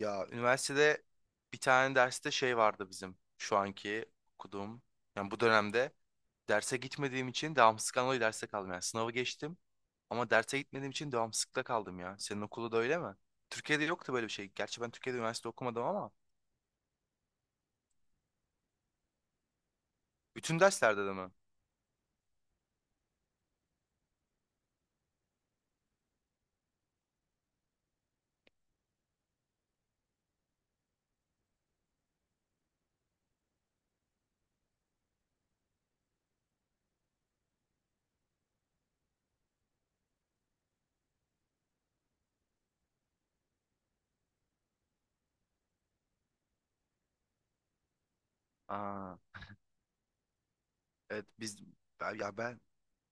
Ya üniversitede bir tane derste şey vardı bizim şu anki okuduğum. Yani bu dönemde derse gitmediğim için devamsızlıktan dolayı derste kaldım. Yani sınavı geçtim ama derse gitmediğim için devamsızlıkta kaldım ya. Senin okulda da öyle mi? Türkiye'de yoktu böyle bir şey. Gerçi ben Türkiye'de üniversite okumadım ama bütün derslerde de mi? Aa, evet biz ben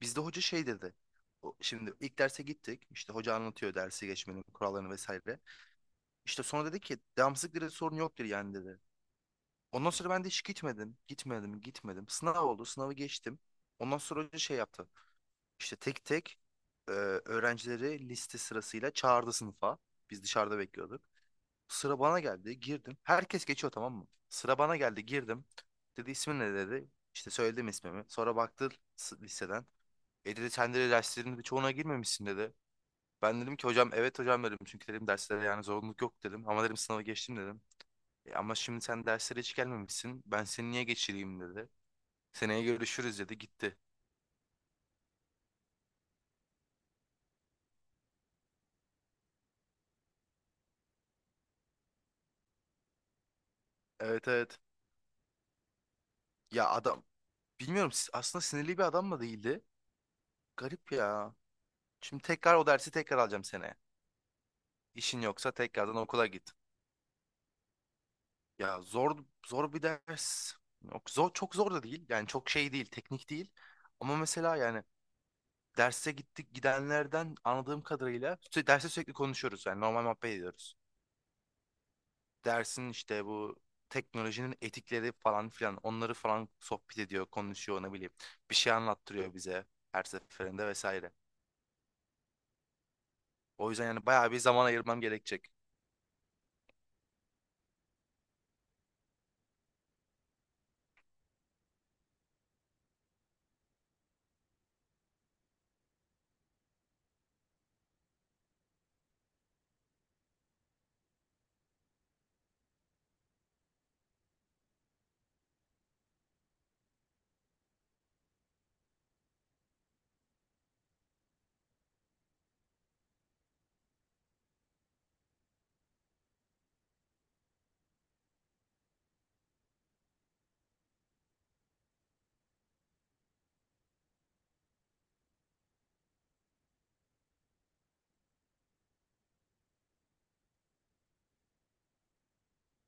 bizde hoca şey dedi. Şimdi ilk derse gittik. İşte hoca anlatıyor dersi geçmenin kurallarını vesaire. İşte sonra dedi ki devamsızlık dedi sorun yok dedi yani dedi. Ondan sonra ben de hiç gitmedim. Gitmedim, gitmedim. Sınav oldu, sınavı geçtim. Ondan sonra hoca şey yaptı. İşte tek tek e, öğrencileri liste sırasıyla çağırdı sınıfa. Biz dışarıda bekliyorduk. Sıra bana geldi, girdim. Herkes geçiyor tamam mı? Sıra bana geldi, girdim. Dedi ismin ne dedi. İşte söyledim ismimi. Sonra baktı listeden. E dedi sen de derslerinin birçoğuna girmemişsin dedi. Ben dedim ki hocam evet hocam dedim. Çünkü dedim derslere yani zorunluluk yok dedim. Ama dedim sınava geçtim dedim. E ama şimdi sen derslere hiç gelmemişsin. Ben seni niye geçireyim dedi. Seneye görüşürüz dedi gitti. Evet evet. Ya adam bilmiyorum aslında sinirli bir adam mı değildi? Garip ya. Şimdi tekrar o dersi tekrar alacağım seneye. İşin yoksa tekrardan okula git. Ya zor zor bir ders. Yok, zor, çok zor da değil. Yani çok şey değil, teknik değil. Ama mesela yani derse gittik gidenlerden anladığım kadarıyla derste sürekli konuşuyoruz. Yani normal muhabbet ediyoruz. Dersin işte bu teknolojinin etikleri falan filan onları falan sohbet ediyor, konuşuyor ne bileyim. Bir şey anlattırıyor bize her seferinde vesaire. O yüzden yani bayağı bir zaman ayırmam gerekecek.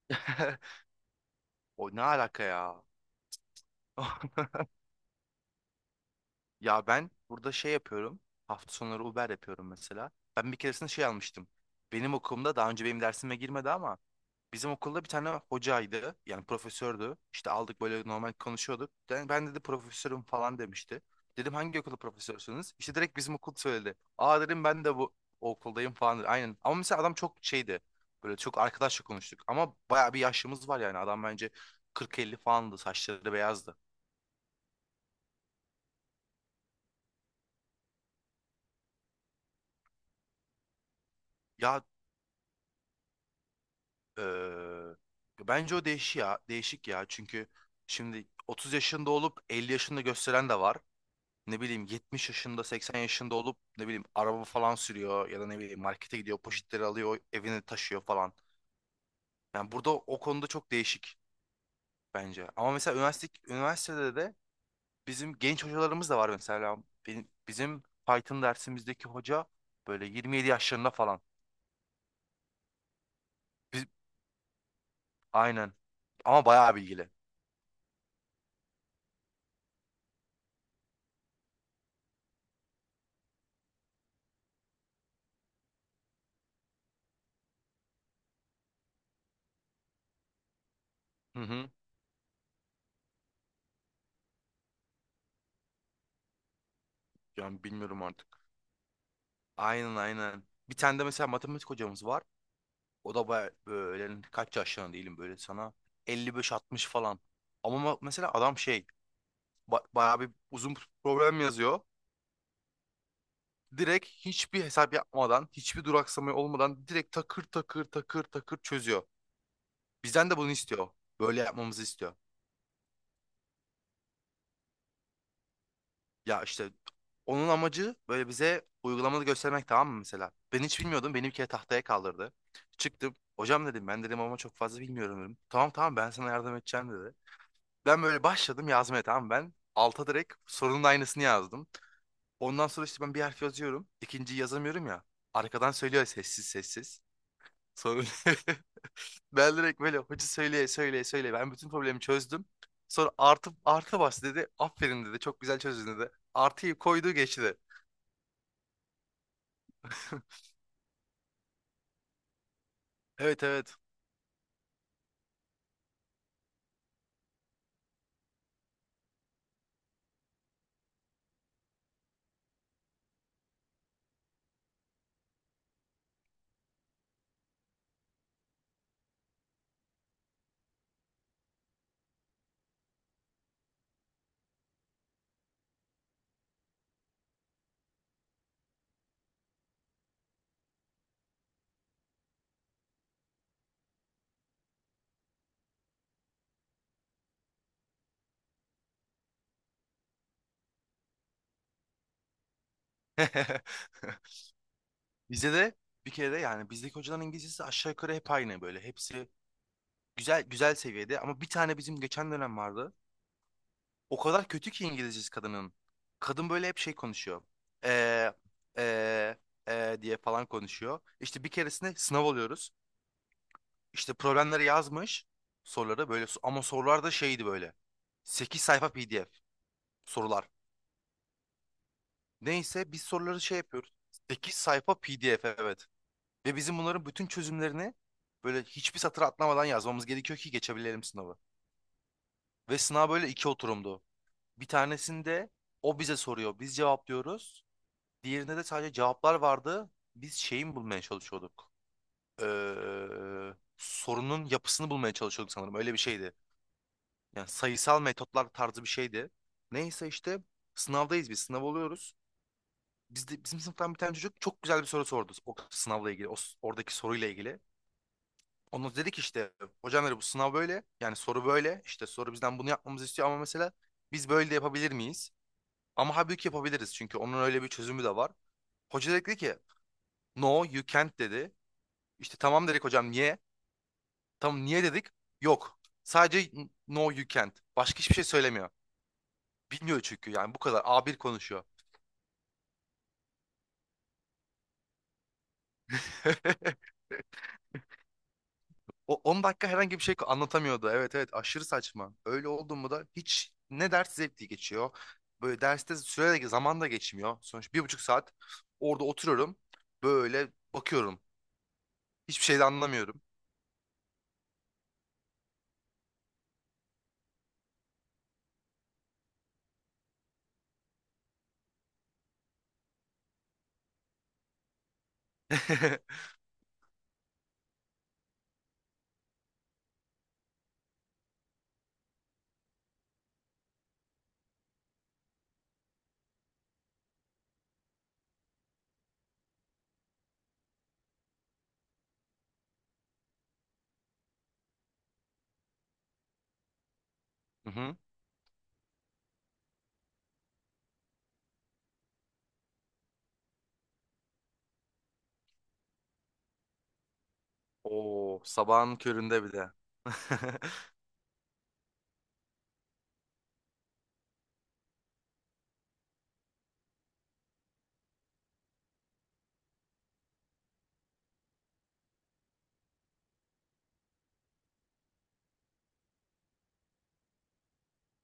O ne alaka ya? Ya ben burada şey yapıyorum. Hafta sonları Uber yapıyorum mesela. Ben bir keresinde şey almıştım. Benim okulumda daha önce benim dersime girmedi ama bizim okulda bir tane hocaydı. Yani profesördü. İşte aldık böyle normal konuşuyorduk. Ben dedi profesörüm falan demişti. Dedim hangi okulda profesörsünüz? İşte direkt bizim okul söyledi. Aa dedim ben de bu okuldayım falan. Aynen. Ama mesela adam çok şeydi. Böyle çok arkadaşça konuştuk. Ama bayağı bir yaşımız var yani. Adam bence 40-50 falandı. Saçları beyazdı. Ya eee, bence o değişik ya. Değişik ya. Çünkü şimdi 30 yaşında olup 50 yaşında gösteren de var. Ne bileyim 70 yaşında 80 yaşında olup ne bileyim araba falan sürüyor ya da ne bileyim markete gidiyor poşetleri alıyor evine taşıyor falan. Yani burada o konuda çok değişik bence. Ama mesela üniversitede de bizim genç hocalarımız da var mesela. Bizim Python dersimizdeki hoca böyle 27 yaşlarında falan. Biz, aynen. Ama bayağı bilgili. Hı hı. Yani bilmiyorum artık. Aynen aynen. Bir tane de mesela matematik hocamız var. O da böyle kaç yaşlarında değilim böyle sana 55 60 falan. Ama mesela adam şey bayağı bir uzun problem yazıyor. Direkt hiçbir hesap yapmadan, hiçbir duraksama olmadan direkt takır takır takır takır çözüyor. Bizden de bunu istiyor. Böyle yapmamızı istiyor. Ya işte onun amacı böyle bize uygulamalı göstermek tamam mı mesela? Ben hiç bilmiyordum. Beni bir kere tahtaya kaldırdı. Çıktım. Hocam dedim ben dedim ama çok fazla bilmiyorum dedim. Tamam tamam ben sana yardım edeceğim dedi. Ben böyle başladım yazmaya tamam mı? Ben. Alta direkt sorunun aynısını yazdım. Ondan sonra işte ben bir harf yazıyorum. İkinciyi yazamıyorum ya. Arkadan söylüyor sessiz sessiz. Sonra ben direkt böyle hoca söyleye söyleye söyleye. Ben bütün problemi çözdüm. Sonra artı bas dedi. Aferin dedi. Çok güzel çözdün dedi. Artıyı koydu geçti. Evet evet. Bize de bir kere de yani bizdeki hocaların İngilizcesi aşağı yukarı hep aynı böyle. Hepsi güzel güzel seviyede ama bir tane bizim geçen dönem vardı. O kadar kötü ki İngilizcesi kadının. Kadın böyle hep şey konuşuyor. Ee, ee, ee diye falan konuşuyor. İşte bir keresinde sınav oluyoruz. İşte problemleri yazmış. Soruları böyle ama sorular da şeydi böyle. 8 sayfa PDF sorular. Neyse biz soruları şey yapıyoruz. 8 sayfa PDF evet. Ve bizim bunların bütün çözümlerini böyle hiçbir satır atlamadan yazmamız gerekiyor ki geçebilelim sınavı. Ve sınav böyle 2 oturumdu. Bir tanesinde o bize soruyor. Biz cevaplıyoruz. Diğerinde de sadece cevaplar vardı. Biz şeyin bulmaya çalışıyorduk. Sorunun yapısını bulmaya çalışıyorduk sanırım. Öyle bir şeydi. Yani sayısal metotlar tarzı bir şeydi. Neyse işte sınavdayız biz. Sınav oluyoruz. Bizim sınıftan bir tane çocuk çok güzel bir soru sordu. O sınavla ilgili, oradaki soruyla ilgili. Onu dedik işte hocam dedi bu sınav böyle. Yani soru böyle. İşte soru bizden bunu yapmamızı istiyor ama mesela biz böyle de yapabilir miyiz? Ama halbuki yapabiliriz çünkü onun öyle bir çözümü de var. Hoca dedi ki no you can't dedi. İşte tamam dedik hocam niye? Tamam niye dedik? Yok. Sadece no you can't. Başka hiçbir şey söylemiyor. Bilmiyor çünkü yani bu kadar A1 konuşuyor. O 10 dakika herhangi bir şey anlatamıyordu. Evet evet aşırı saçma. Öyle oldu mu da hiç ne ders zevkli geçiyor. Böyle derste süre de zaman da geçmiyor. Sonuç 1,5 saat orada oturuyorum. Böyle bakıyorum. Hiçbir şey de anlamıyorum. Hı hı. Oo, sabahın köründe bir de.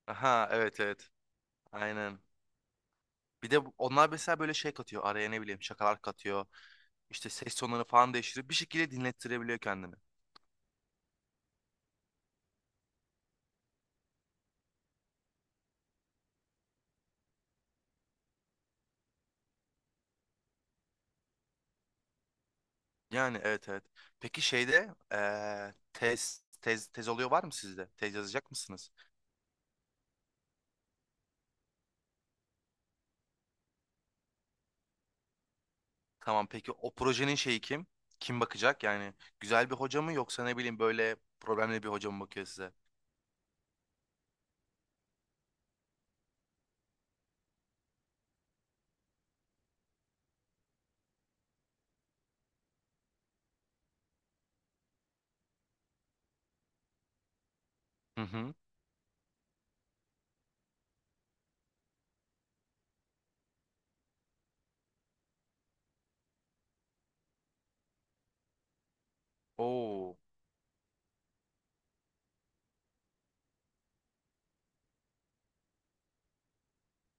Aha evet evet. Aynen. Bir de onlar mesela böyle şey katıyor. Araya ne bileyim şakalar katıyor. İşte ses tonları falan değiştirip bir şekilde dinlettirebiliyor kendini. Yani evet evet. Peki şeyde tez oluyor var mı sizde? Tez yazacak mısınız? Tamam peki o projenin şeyi kim? Kim bakacak? Yani güzel bir hoca mı yoksa ne bileyim böyle problemli bir hoca mı bakıyor size? Hı hı. Oo.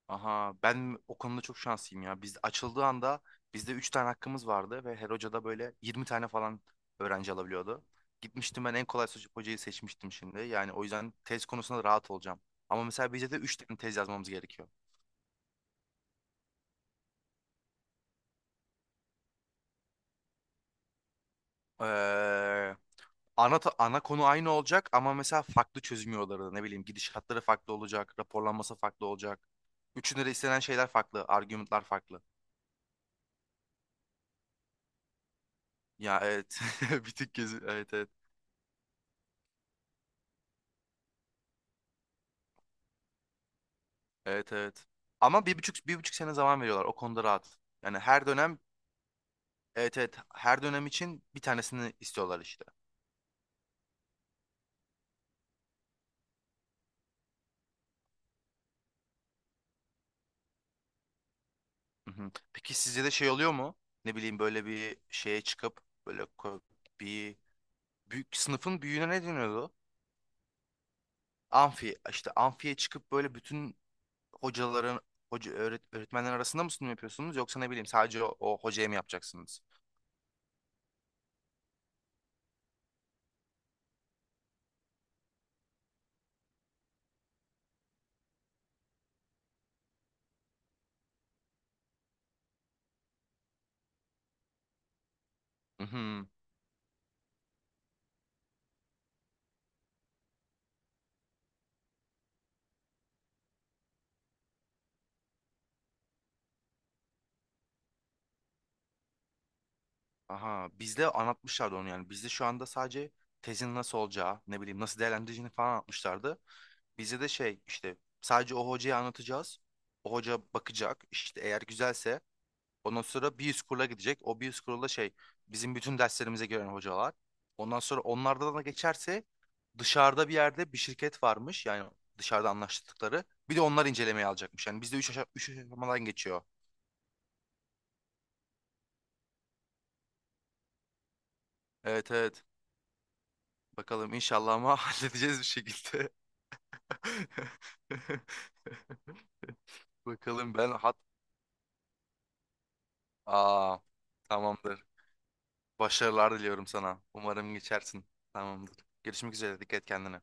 Aha ben o konuda çok şanslıyım ya. Biz açıldığı anda bizde 3 tane hakkımız vardı ve her hoca da böyle 20 tane falan öğrenci alabiliyordu. Gitmiştim ben en kolay hocayı seçmiştim şimdi. Yani o yüzden tez konusunda rahat olacağım. Ama mesela bizde de 3 tane tez yazmamız gerekiyor. Ee, ana konu aynı olacak ama mesela farklı çözüm yolları ne bileyim gidişatları farklı olacak, raporlanması farklı olacak. Üçünde de istenen şeyler farklı, argümanlar farklı. Ya evet bir tık gözü evet evet. Evet evet. Ama 1,5 sene zaman veriyorlar. O konuda rahat. Yani her dönem evet evet her dönem için bir tanesini istiyorlar işte. Hı hı. Peki sizce de şey oluyor mu? Ne bileyim böyle bir şeye çıkıp böyle ko- bir büyük sınıfın büyüğüne ne deniyordu? Amfi işte amfiye çıkıp böyle bütün hocaların öğretmenler arasında mı sunum yapıyorsunuz yoksa ne bileyim sadece o hocaya mı yapacaksınız? Hı hı. Aha bizde anlatmışlardı onu yani. Bizde şu anda sadece tezin nasıl olacağı, ne bileyim nasıl değerlendireceğini falan anlatmışlardı. Bize de şey işte sadece o hocaya anlatacağız. O hoca bakacak işte eğer güzelse ondan sonra bir üst kurula gidecek. O bir üst kurulda şey bizim bütün derslerimize gören hocalar. Ondan sonra onlardan da geçerse dışarıda bir yerde bir şirket varmış yani dışarıda anlaştıkları. Bir de onlar incelemeye alacakmış. Yani bizde 3 aşamadan geçiyor. Evet evet. Bakalım inşallah ama halledeceğiz bir şekilde. Bakalım ben hat... Aa, tamamdır. Başarılar diliyorum sana. Umarım geçersin. Tamamdır. Görüşmek üzere. Dikkat et kendine.